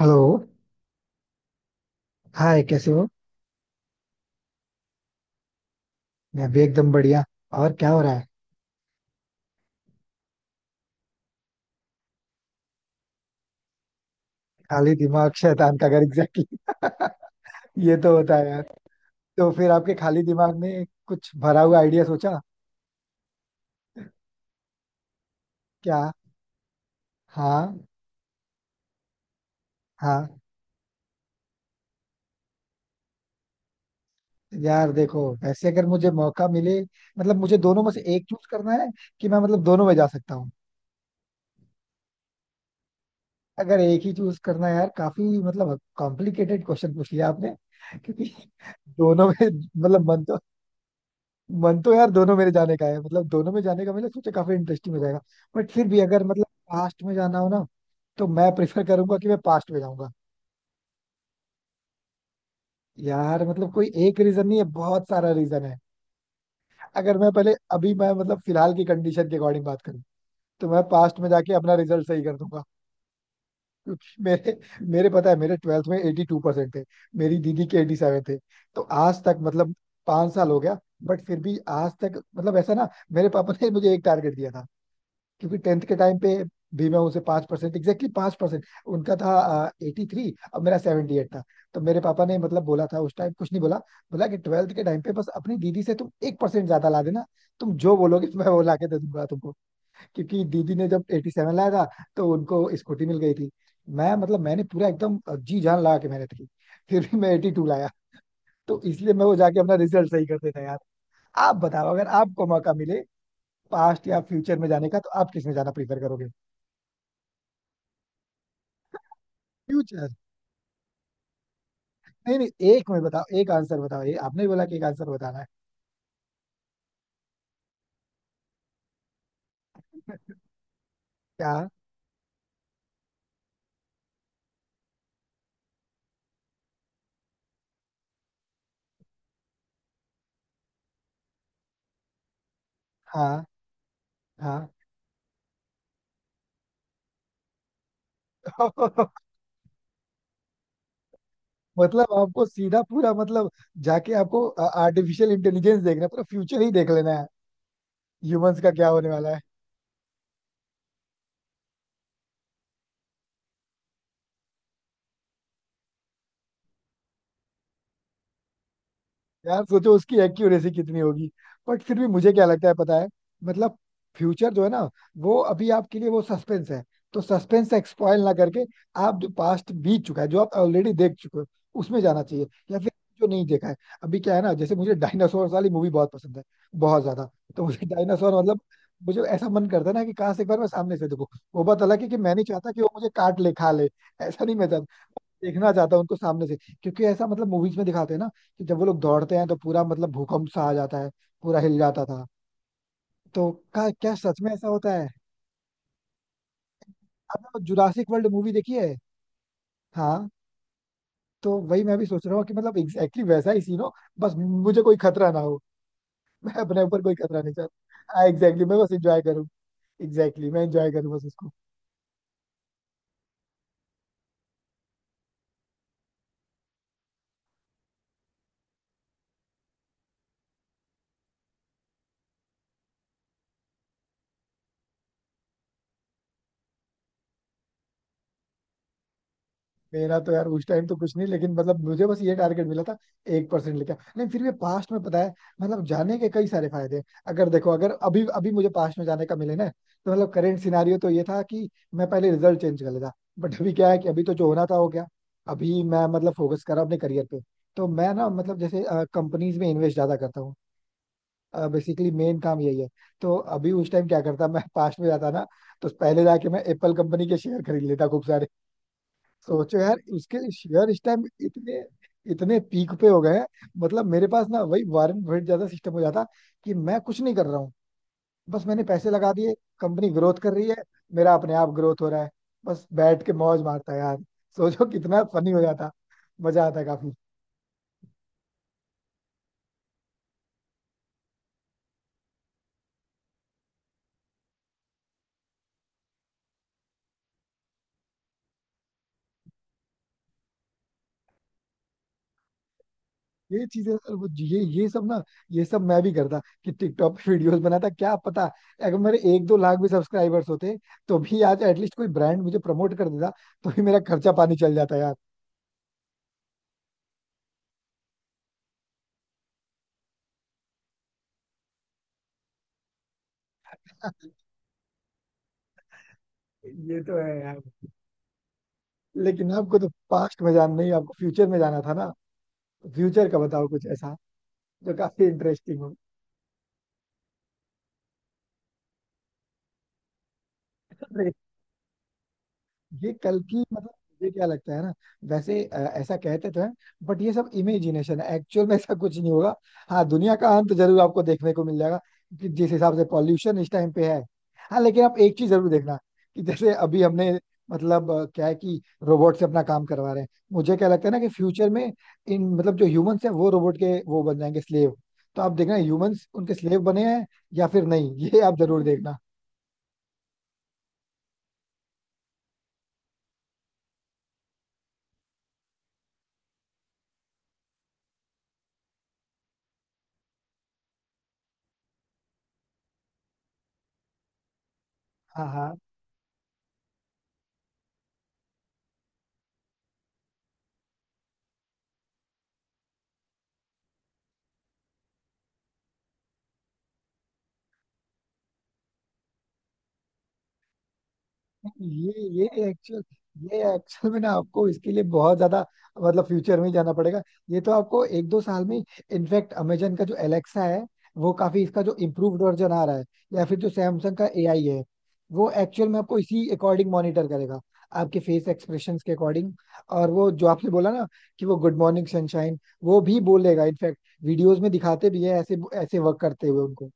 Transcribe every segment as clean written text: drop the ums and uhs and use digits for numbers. Hello. Hi कैसे हो। मैं भी एकदम बढ़िया। और क्या हो रहा है। खाली दिमाग शैतान का घर, एग्जैक्टली। ये तो होता है यार। तो फिर आपके खाली दिमाग में कुछ भरा हुआ आइडिया सोचा क्या। हाँ हाँ। यार देखो, वैसे अगर मुझे मौका मिले, मतलब मुझे दोनों में से एक चूज करना है कि मैं, मतलब दोनों में जा सकता हूँ। अगर एक ही चूज करना है यार, काफी मतलब कॉम्प्लिकेटेड क्वेश्चन पूछ लिया आपने, क्योंकि दोनों में मतलब मन तो, मन तो यार दोनों मेरे जाने का है, मतलब दोनों में जाने का मैंने सोचा काफी इंटरेस्टिंग हो जाएगा। बट फिर भी अगर मतलब पास्ट में जाना हो ना, तो मैं प्रेफर करूंगा कि मैं पास्ट में जाऊंगा। यार मतलब कोई एक रीजन नहीं है, बहुत सारा रीजन है। अगर मैं पहले अभी मैं मतलब फिलहाल की कंडीशन के अकॉर्डिंग बात करूं, तो मैं पास्ट में जाके अपना रिजल्ट सही कर दूंगा। क्योंकि मेरे मेरे पता है मेरे ट्वेल्थ में एटी टू परसेंट थे। मेरी दीदी के एटी सेवन थे। तो आज तक मतलब पांच साल हो गया। बट फिर भी आज तक मतलब ऐसा ना। मेरे पापा ने मुझे एक टारगेट दिया था। क्योंकि टेंथ के टाइम पे भी मैं उसे पांच परसेंट, एग्जैक्टली पांच परसेंट उनका था, एटी थ्री और मेरा सेवेंटी एट था। तो मेरे पापा ने मतलब बोला था, उस टाइम कुछ नहीं बोला। बोला कि ट्वेल्थ के टाइम पे बस अपनी दीदी से तुम एक परसेंट ज्यादा ला देना। तुम जो बोलोगे मैं वो ला के दे दूंगा तुमको। क्योंकि दीदी ने जब एटी सेवन लाया था तो उनको स्कूटी मिल गई थी। मैं, मतलब मैंने पूरा एकदम जी जान लगा के मेहनत की। फिर भी मैं एटी टू लाया। तो इसलिए मैं वो जाके अपना रिजल्ट सही कर देता यार। आप बताओ अगर आपको मौका मिले पास्ट या फ्यूचर में जाने का, तो आप किस में जाना प्रीफर करोगे। फ्यूचर। नहीं नहीं, एक में बताओ, एक आंसर बताओ, ये आपने ही बोला कि एक आंसर बताना है। क्या। हाँ हाँ। मतलब आपको सीधा पूरा, मतलब जाके आपको आर्टिफिशियल इंटेलिजेंस देखना है, पूरा फ्यूचर ही देख लेना है। ह्यूमंस का क्या होने वाला है। यार सोचो उसकी एक्यूरेसी कितनी होगी। बट फिर भी मुझे क्या लगता है पता है, मतलब फ्यूचर जो है ना, वो अभी आपके लिए वो सस्पेंस है। तो सस्पेंस एक्सपॉयल ना करके, आप जो पास्ट बीत चुका है, जो आप ऑलरेडी देख चुके हो, उसमें जाना चाहिए, या फिर जो नहीं देखा है। अभी क्या है ना, जैसे मुझे डायनासोर वाली मूवी बहुत पसंद है, बहुत ज्यादा। तो मुझे डायनासोर, मतलब मुझे ऐसा मन करता है ना कि काश एक बार मैं सामने से देखूं। वो बात अलग है कि मैं नहीं चाहता कि वो मुझे काट ले खा ले। ऐसा नहीं मैं चाहता। देखना चाहता हूँ उनको सामने से। क्योंकि ऐसा मतलब मूवीज में दिखाते हैं ना, कि जब वो लोग दौड़ते हैं तो पूरा मतलब भूकंप सा आ जाता है, पूरा हिल जाता था। तो क्या क्या सच में ऐसा होता है। आपने वो जुरासिक वर्ल्ड मूवी देखी है। हाँ। तो वही मैं भी सोच रहा हूँ कि मतलब एग्जैक्टली exactly वैसा ही सीन हो। बस मुझे कोई खतरा ना हो। मैं अपने ऊपर कोई खतरा नहीं चाहता, हाँ एग्जैक्टली exactly, मैं बस एंजॉय करूँ। एग्जैक्टली exactly, मैं एंजॉय करूँ बस उसको। मेरा तो यार उस टाइम तो कुछ नहीं, लेकिन मतलब मुझे बस ये टारगेट मिला था, एक परसेंट लेके आओ। नहीं फिर भी पास्ट में पता है, मतलब जाने के कई सारे फायदे हैं। अगर देखो, अगर अभी अभी मुझे पास्ट में जाने का मिले ना, तो मतलब करेंट सिनारियो तो ये था कि मैं पहले रिजल्ट चेंज कर लेता। बट अभी क्या है कि अभी तो जो होना था हो गया। अभी मैं मतलब फोकस कर रहा हूं अपने करियर पे। तो मैं ना, मतलब जैसे कंपनीज में इन्वेस्ट ज्यादा करता हूँ, बेसिकली मेन काम यही है। तो अभी उस टाइम क्या करता, मैं पास्ट में जाता ना, तो पहले जाके मैं एप्पल कंपनी के शेयर खरीद लेता खूब सारे। सोचो यार, उसके शेयर इस टाइम इतने इतने पीक पे हो गए हैं। मतलब मेरे पास ना वही वारंट बफेट ज्यादा सिस्टम हो जाता कि मैं कुछ नहीं कर रहा हूँ, बस मैंने पैसे लगा दिए। कंपनी ग्रोथ कर रही है, मेरा अपने आप ग्रोथ हो रहा है। बस बैठ के मौज मारता यार। सोचो कितना फनी हो जाता, मजा आता काफी। ये चीजें सर, वो ये सब ना, ये सब मैं भी करता कि टिकटॉक पे वीडियोस बनाता, क्या पता अगर मेरे एक दो लाख भी सब्सक्राइबर्स होते तो भी आज एटलीस्ट कोई ब्रांड मुझे प्रमोट कर देता, तो भी मेरा खर्चा पानी चल जाता यार। ये तो है यार, लेकिन आपको तो पास्ट में जान नहीं, आपको फ्यूचर में जाना था ना। फ्यूचर का बताओ, कुछ ऐसा जो काफी इंटरेस्टिंग हो। ये कल की मतलब, मुझे क्या लगता है ना, वैसे ऐसा कहते तो हैं, बट ये सब इमेजिनेशन है, एक्चुअल में ऐसा कुछ नहीं होगा। हाँ, दुनिया का अंत जरूर आपको देखने को मिल जाएगा, कि जिस हिसाब से पॉल्यूशन इस टाइम पे है। हाँ लेकिन आप एक चीज जरूर देखना, कि जैसे अभी हमने मतलब क्या है कि रोबोट से अपना काम करवा रहे हैं, मुझे क्या लगता है ना कि फ्यूचर में इन मतलब जो ह्यूमंस हैं वो रोबोट के वो बन जाएंगे स्लेव। तो आप देखना ह्यूमंस उनके स्लेव बने हैं या फिर नहीं, ये आप जरूर देखना। हाँ हाँ। ये ये एक्चुअल ये एक्चुअल में ना आपको इसके लिए बहुत ज्यादा, मतलब फ्यूचर में ही जाना पड़ेगा। ये तो आपको एक दो साल में, इनफैक्ट अमेजन का जो एलेक्सा है वो काफी, इसका जो इम्प्रूव्ड वर्जन आ रहा है, या फिर जो सैमसंग का एआई है, वो एक्चुअल में आपको इसी अकॉर्डिंग मॉनिटर करेगा, आपके फेस एक्सप्रेशंस के अकॉर्डिंग। और वो जो आपने बोला ना कि वो गुड मॉर्निंग सनशाइन, वो भी बोलेगा, इनफैक्ट वीडियोस में दिखाते भी है ऐसे ऐसे वर्क करते हुए उनको।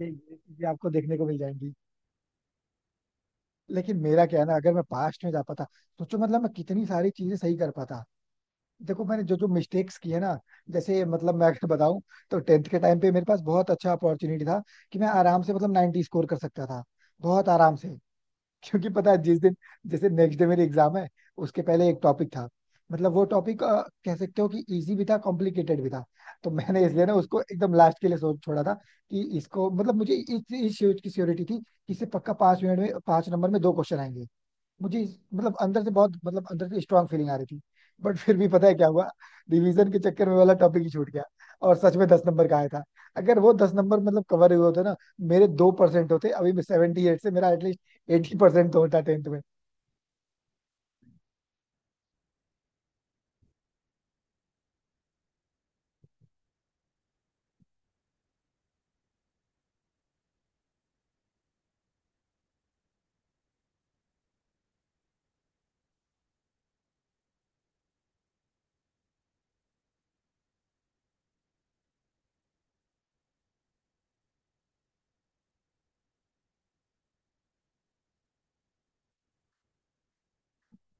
ये चीजें आपको देखने को मिल जाएंगी। लेकिन मेरा क्या है ना, अगर मैं पास्ट में जा पाता, सोचो मतलब मैं कितनी सारी चीजें सही कर पाता। देखो मैंने जो जो मिस्टेक्स की है ना, जैसे मतलब मैं अगर बताऊं, तो टेंथ के टाइम पे मेरे पास बहुत अच्छा अपॉर्चुनिटी था कि मैं आराम से मतलब 90 स्कोर कर सकता था, बहुत आराम से। क्योंकि पता है जिस दिन, जैसे नेक्स्ट डे मेरी एग्जाम है, उसके पहले एक टॉपिक था, मतलब वो टॉपिक कह सकते हो कि इजी भी था कॉम्प्लिकेटेड भी था। तो मैंने इसलिए ना उसको एकदम लास्ट के लिए सोच छोड़ा था, कि इसको मतलब मुझे इस चीज की श्योरिटी थी कि इसे पक्का पांच मिनट में पांच नंबर में दो क्वेश्चन आएंगे। मतलब अंदर से बहुत मतलब अंदर से स्ट्रांग फीलिंग आ रही थी। बट फिर भी पता है क्या हुआ, रिवीजन के चक्कर में वाला टॉपिक ही छूट गया, और सच में दस नंबर का आया था। अगर वो दस नंबर मतलब कवर हुए होते ना, मेरे दो परसेंट होते, अभी मैं 78 से मेरा एटलीस्ट एटी परसेंट तो होता टेंथ में।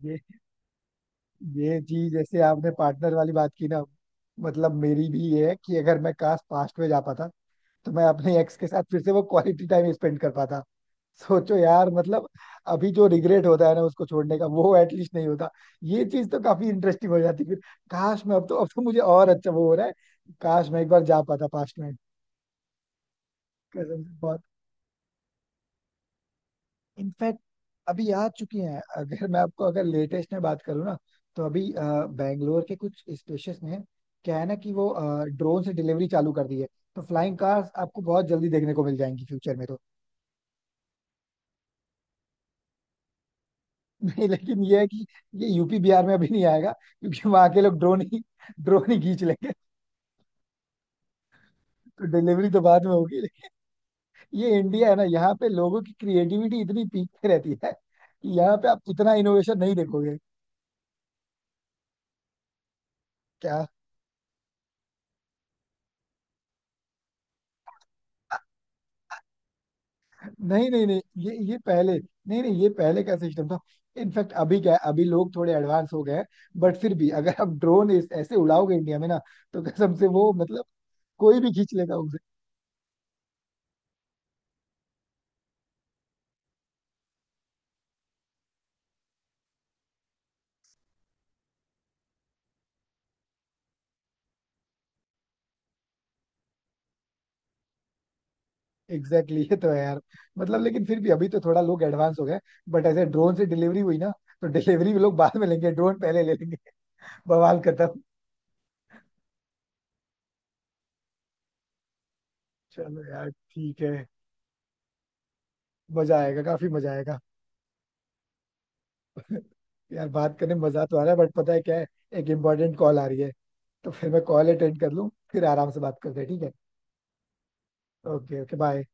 ये ये चीज, जैसे आपने पार्टनर वाली बात की ना, मतलब मेरी भी ये है कि अगर मैं काश पास्ट में जा पाता तो मैं अपने एक्स के साथ फिर से वो क्वालिटी टाइम स्पेंड कर पाता। सोचो यार मतलब, अभी जो रिग्रेट होता है ना उसको छोड़ने का, वो एटलीस्ट नहीं होता, ये चीज तो काफी इंटरेस्टिंग हो जाती फिर। काश मैं, अब तो मुझे और अच्छा वो हो रहा है, काश मैं एक बार जा पाता पास्ट में। कसम से बहुत। इनफैक्ट अभी आ चुकी हैं, अगर मैं आपको, अगर लेटेस्ट में बात करूँ ना, तो अभी बैंगलोर के कुछ स्पेशस में क्या है ना कि वो ड्रोन से डिलीवरी चालू कर दी है। तो फ्लाइंग कार्स आपको बहुत जल्दी देखने को मिल जाएंगी फ्यूचर में तो। नहीं लेकिन ये है कि ये यूपी बिहार में अभी नहीं आएगा, क्योंकि वहां के लोग ड्रोन ही खींच लेंगे। तो डिलीवरी तो बाद में होगी। ये इंडिया है ना, यहाँ पे लोगों की क्रिएटिविटी इतनी पीक पे रहती है कि यहाँ पे आप इतना इनोवेशन नहीं देखोगे। क्या, नहीं नहीं नहीं, ये पहले, नहीं नहीं, ये पहले का सिस्टम था। इनफैक्ट अभी क्या है, अभी लोग थोड़े एडवांस हो गए हैं। बट फिर भी अगर आप ड्रोन ऐसे उड़ाओगे इंडिया में ना, तो कसम से वो मतलब कोई भी खींच लेगा उसे। एग्जैक्टली exactly, ये तो है यार, मतलब लेकिन फिर भी अभी तो थोड़ा लोग एडवांस हो गए। बट ऐसे ड्रोन से डिलीवरी हुई ना, तो डिलीवरी भी लोग बाद में लेंगे, ड्रोन पहले ले लेंगे। बवाल खत्म। चलो यार ठीक है, मजा आएगा, काफी मजा आएगा। यार बात करने में मजा तो आ रहा है, बट पता है क्या है, एक इम्पोर्टेंट कॉल आ रही है, तो फिर मैं कॉल अटेंड कर लूँ, फिर आराम से बात करते हैं, ठीक है। Okay okay bye.